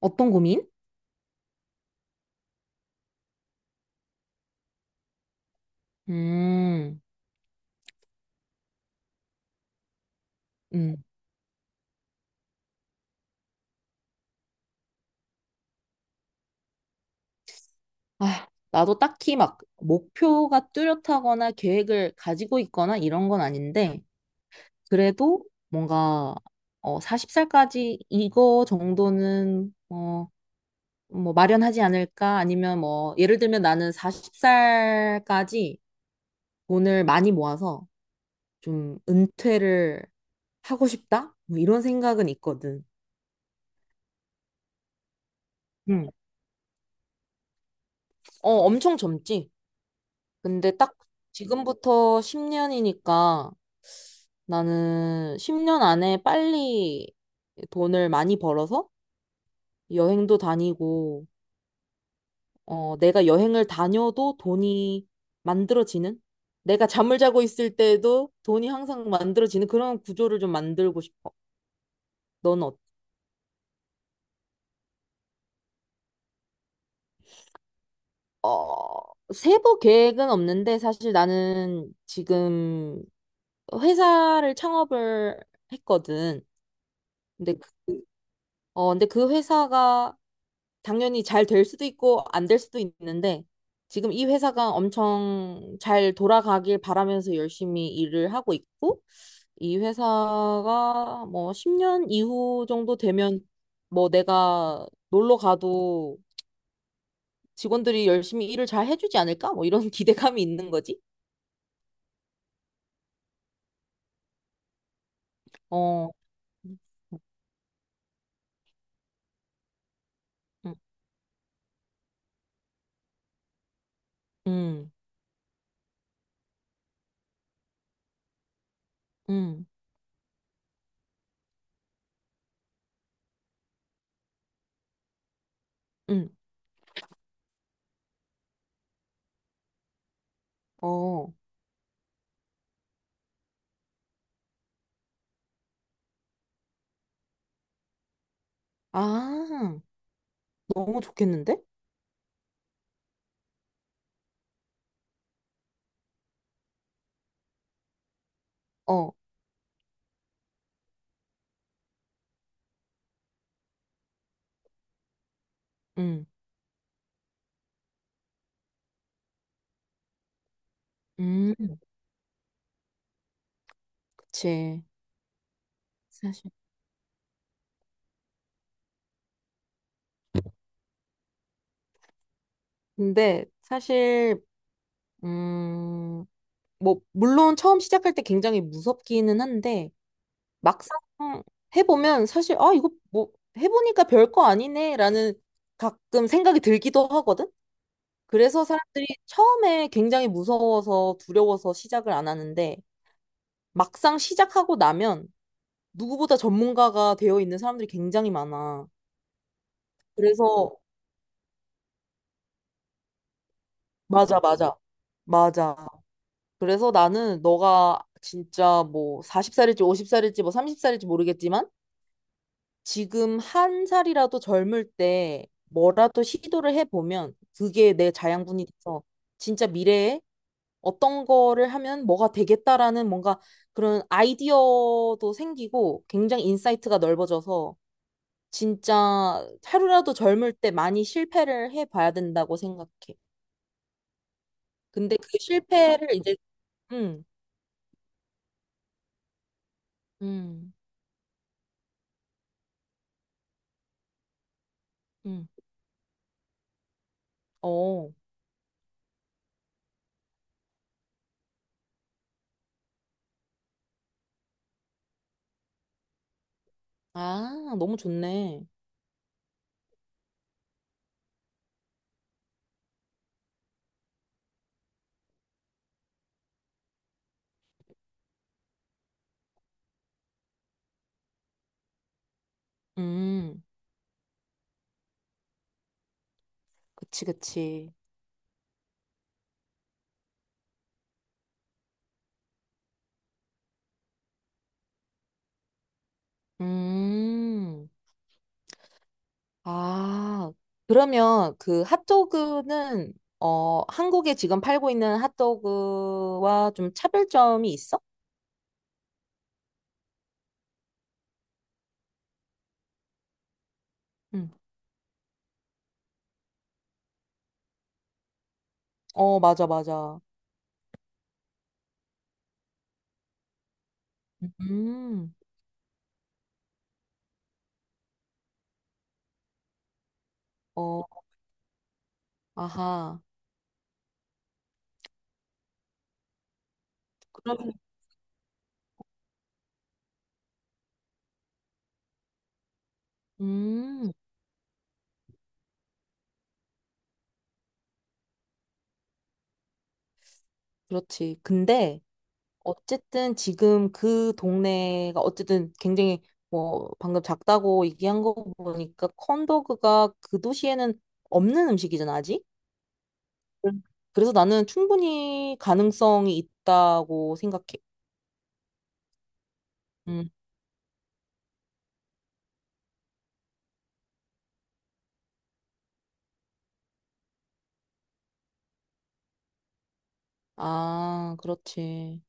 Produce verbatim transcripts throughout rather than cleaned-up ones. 어떤 고민? 음, 음. 아, 나도 딱히 막 목표가 뚜렷하거나 계획을 가지고 있거나 이런 건 아닌데, 그래도 뭔가, 어, 마흔 살까지 이거 정도는, 어, 뭐 마련하지 않을까? 아니면 뭐, 예를 들면 나는 마흔 살까지 돈을 많이 모아서 좀 은퇴를 하고 싶다? 뭐 이런 생각은 있거든. 응, 어, 엄청 젊지? 근데 딱 지금부터 십 년이니까, 나는 십 년 안에 빨리 돈을 많이 벌어서 여행도 다니고, 어, 내가 여행을 다녀도 돈이 만들어지는? 내가 잠을 자고 있을 때도 돈이 항상 만들어지는 그런 구조를 좀 만들고 싶어. 넌 어, 어, 세부 계획은 없는데 사실 나는 지금 회사를 창업을 했거든. 근데 그, 어, 근데 그 회사가 당연히 잘 될 수도 있고 안 될 수도 있는데 지금 이 회사가 엄청 잘 돌아가길 바라면서 열심히 일을 하고 있고 이 회사가 뭐 십 년 이후 정도 되면 뭐 내가 놀러 가도 직원들이 열심히 일을 잘 해주지 않을까? 뭐 이런 기대감이 있는 거지. 어, 음, 음, 음, 음. 어, 아, 너무 좋겠는데? 어, 음, 음, 그치. 사실. 근데 사실 음, 뭐, 물론 처음 시작할 때 굉장히 무섭기는 한데, 막상 해보면 사실, 아, 이거 뭐, 해보니까 별 거 아니네, 라는 가끔 생각이 들기도 하거든? 그래서 사람들이 처음에 굉장히 무서워서 두려워서 시작을 안 하는데, 막상 시작하고 나면 누구보다 전문가가 되어 있는 사람들이 굉장히 많아. 그래서, 맞아, 맞아, 맞아. 그래서 나는 너가 진짜 뭐 마흔 살일지 쉰 살일지 뭐 서른 살일지 모르겠지만, 지금 한 살이라도 젊을 때 뭐라도 시도를 해보면 그게 내 자양분이 돼서 진짜 미래에 어떤 거를 하면 뭐가 되겠다라는 뭔가 그런 아이디어도 생기고 굉장히 인사이트가 넓어져서 진짜 하루라도 젊을 때 많이 실패를 해봐야 된다고 생각해. 근데 그 실패를 이제, 음, 음, 음, 어, 아, 너무 좋네. 음, 그치, 그치. 음. 아, 그러면 그 핫도그는 어, 한국에 지금 팔고 있는 핫도그와 좀 차별점이 있어? 응. 어, 맞아, 맞아. 음, 어, 아하. 그럼, 음, 그렇지. 근데 어쨌든 지금 그 동네가 어쨌든 굉장히 뭐 방금 작다고 얘기한 거 보니까 콘도그가 그 도시에는 없는 음식이잖아, 아직? 음. 그래서 나는 충분히 가능성이 있다고 생각해. 음. 아, 그렇지.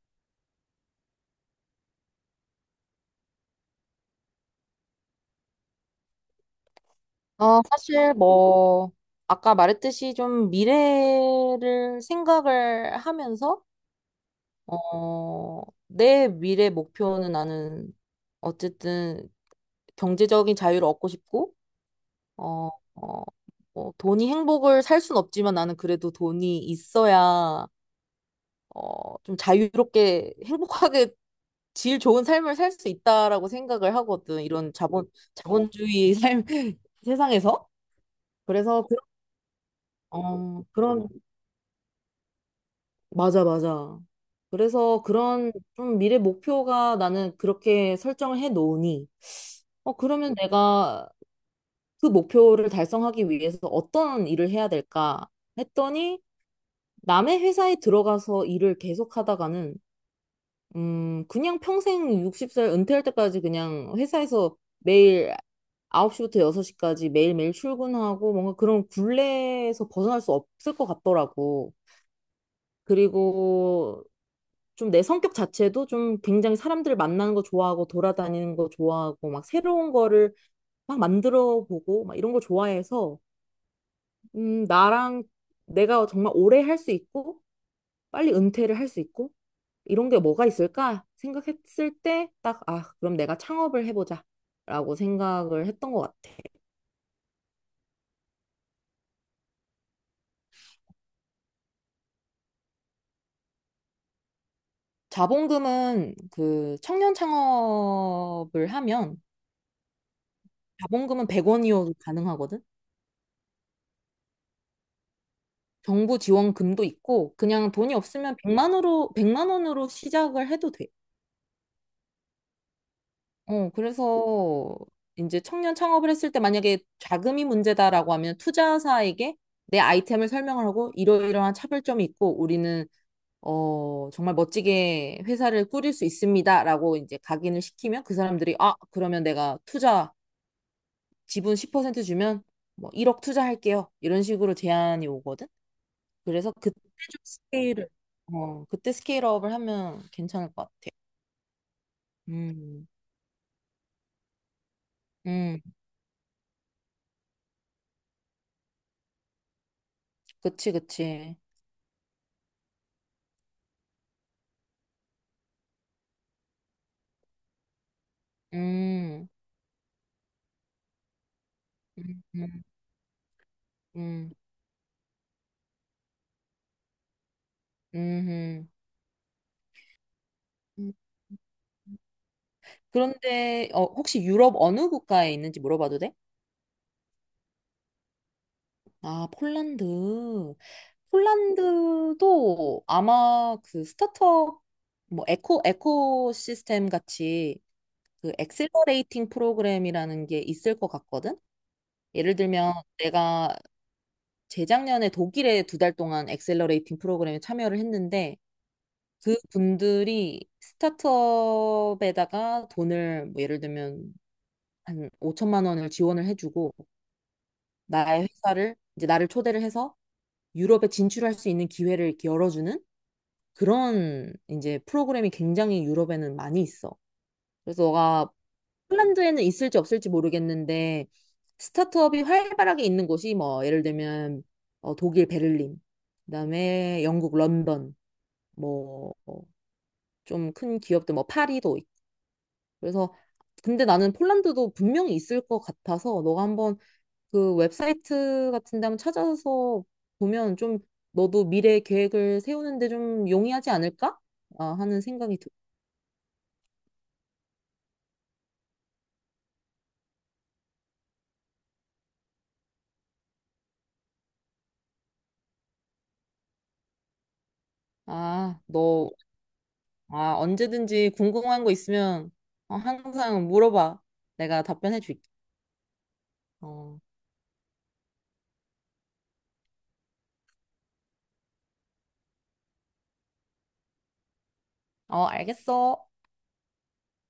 아, 사실 뭐, 아까 말했듯이 좀 미래를 생각을 하면서, 어, 내 미래 목표는 나는 어쨌든 경제적인 자유를 얻고 싶고, 어, 어, 뭐 돈이 행복을 살 순 없지만 나는 그래도 돈이 있어야, 어, 좀 자유롭게 행복하게 질 좋은 삶을 살 수 있다라고 생각을 하거든. 이런 자본, 자본주의 삶, 세상에서. 그래서 그, 어, 그런 맞아, 맞아. 그래서 그런 좀 미래 목표가 나는 그렇게 설정을 해 놓으니 어 그러면 내가 그 목표를 달성하기 위해서 어떤 일을 해야 될까 했더니 남의 회사에 들어가서 일을 계속 하다가는 음 그냥 평생 예순 살 은퇴할 때까지 그냥 회사에서 매일 아홉 시부터 여섯 시까지 매일매일 출근하고 뭔가 그런 굴레에서 벗어날 수 없을 것 같더라고. 그리고 좀 내 성격 자체도 좀 굉장히 사람들 만나는 거 좋아하고 돌아다니는 거 좋아하고 막 새로운 거를 막 만들어 보고 막 이런 거 좋아해서 음, 나랑 내가 정말 오래 할 수 있고 빨리 은퇴를 할 수 있고 이런 게 뭐가 있을까 생각했을 때 딱 아, 그럼 내가 창업을 해보자 라고 생각을 했던 것 같아. 자본금은 그 청년 창업을 하면 자본금은 백 원이어도 가능하거든. 정부 지원금도 있고 그냥 돈이 없으면 백만 원으로 백만 원으로 시작을 해도 돼. 어, 그래서 이제 청년 창업을 했을 때 만약에 자금이 문제다라고 하면 투자사에게 내 아이템을 설명을 하고 이러이러한 차별점이 있고 우리는 어, 정말 멋지게 회사를 꾸릴 수 있습니다라고 이제 각인을 시키면 그 사람들이 아, 그러면 내가 투자 지분 십 퍼센트 주면 뭐 일억 투자할게요. 이런 식으로 제안이 오거든. 그래서 그때 좀 스케일을, 어, 그때 스케일업을 하면 괜찮을 것 같아. 음, 음, 그치, 그치. 음, 음, 음, 음, 음. 음. 그런데, 어, 혹시 유럽 어느 국가에 있는지 물어봐도 돼? 아, 폴란드. 폴란드도 아마 그 스타트업, 뭐, 에코, 에코 시스템 같이 그 엑셀러레이팅 프로그램이라는 게 있을 것 같거든? 예를 들면 내가 재작년에 독일에 두 달 동안 엑셀러레이팅 프로그램에 참여를 했는데 그 분들이 스타트업에다가 돈을 뭐 예를 들면 한 오천만 원을 지원을 해주고 나의 회사를 이제 나를 초대를 해서 유럽에 진출할 수 있는 기회를 이렇게 열어주는 그런 이제 프로그램이 굉장히 유럽에는 많이 있어. 그래서 너가 폴란드에는 있을지 없을지 모르겠는데 스타트업이 활발하게 있는 곳이 뭐 예를 들면 어, 독일 베를린, 그다음에 영국 런던, 뭐 어, 좀큰 기업들 뭐 파리도 있고. 그래서 근데 나는 폴란드도 분명히 있을 것 같아서 너가 한번 그 웹사이트 같은 데 한번 찾아서 보면 좀 너도 미래 계획을 세우는데 좀 용이하지 않을까? 아, 하는 생각이 들. 아, 너 아, 언제든지 궁금한 거 있으면 어, 항상 물어봐. 내가 답변해 줄게. 어, 어, 알겠어.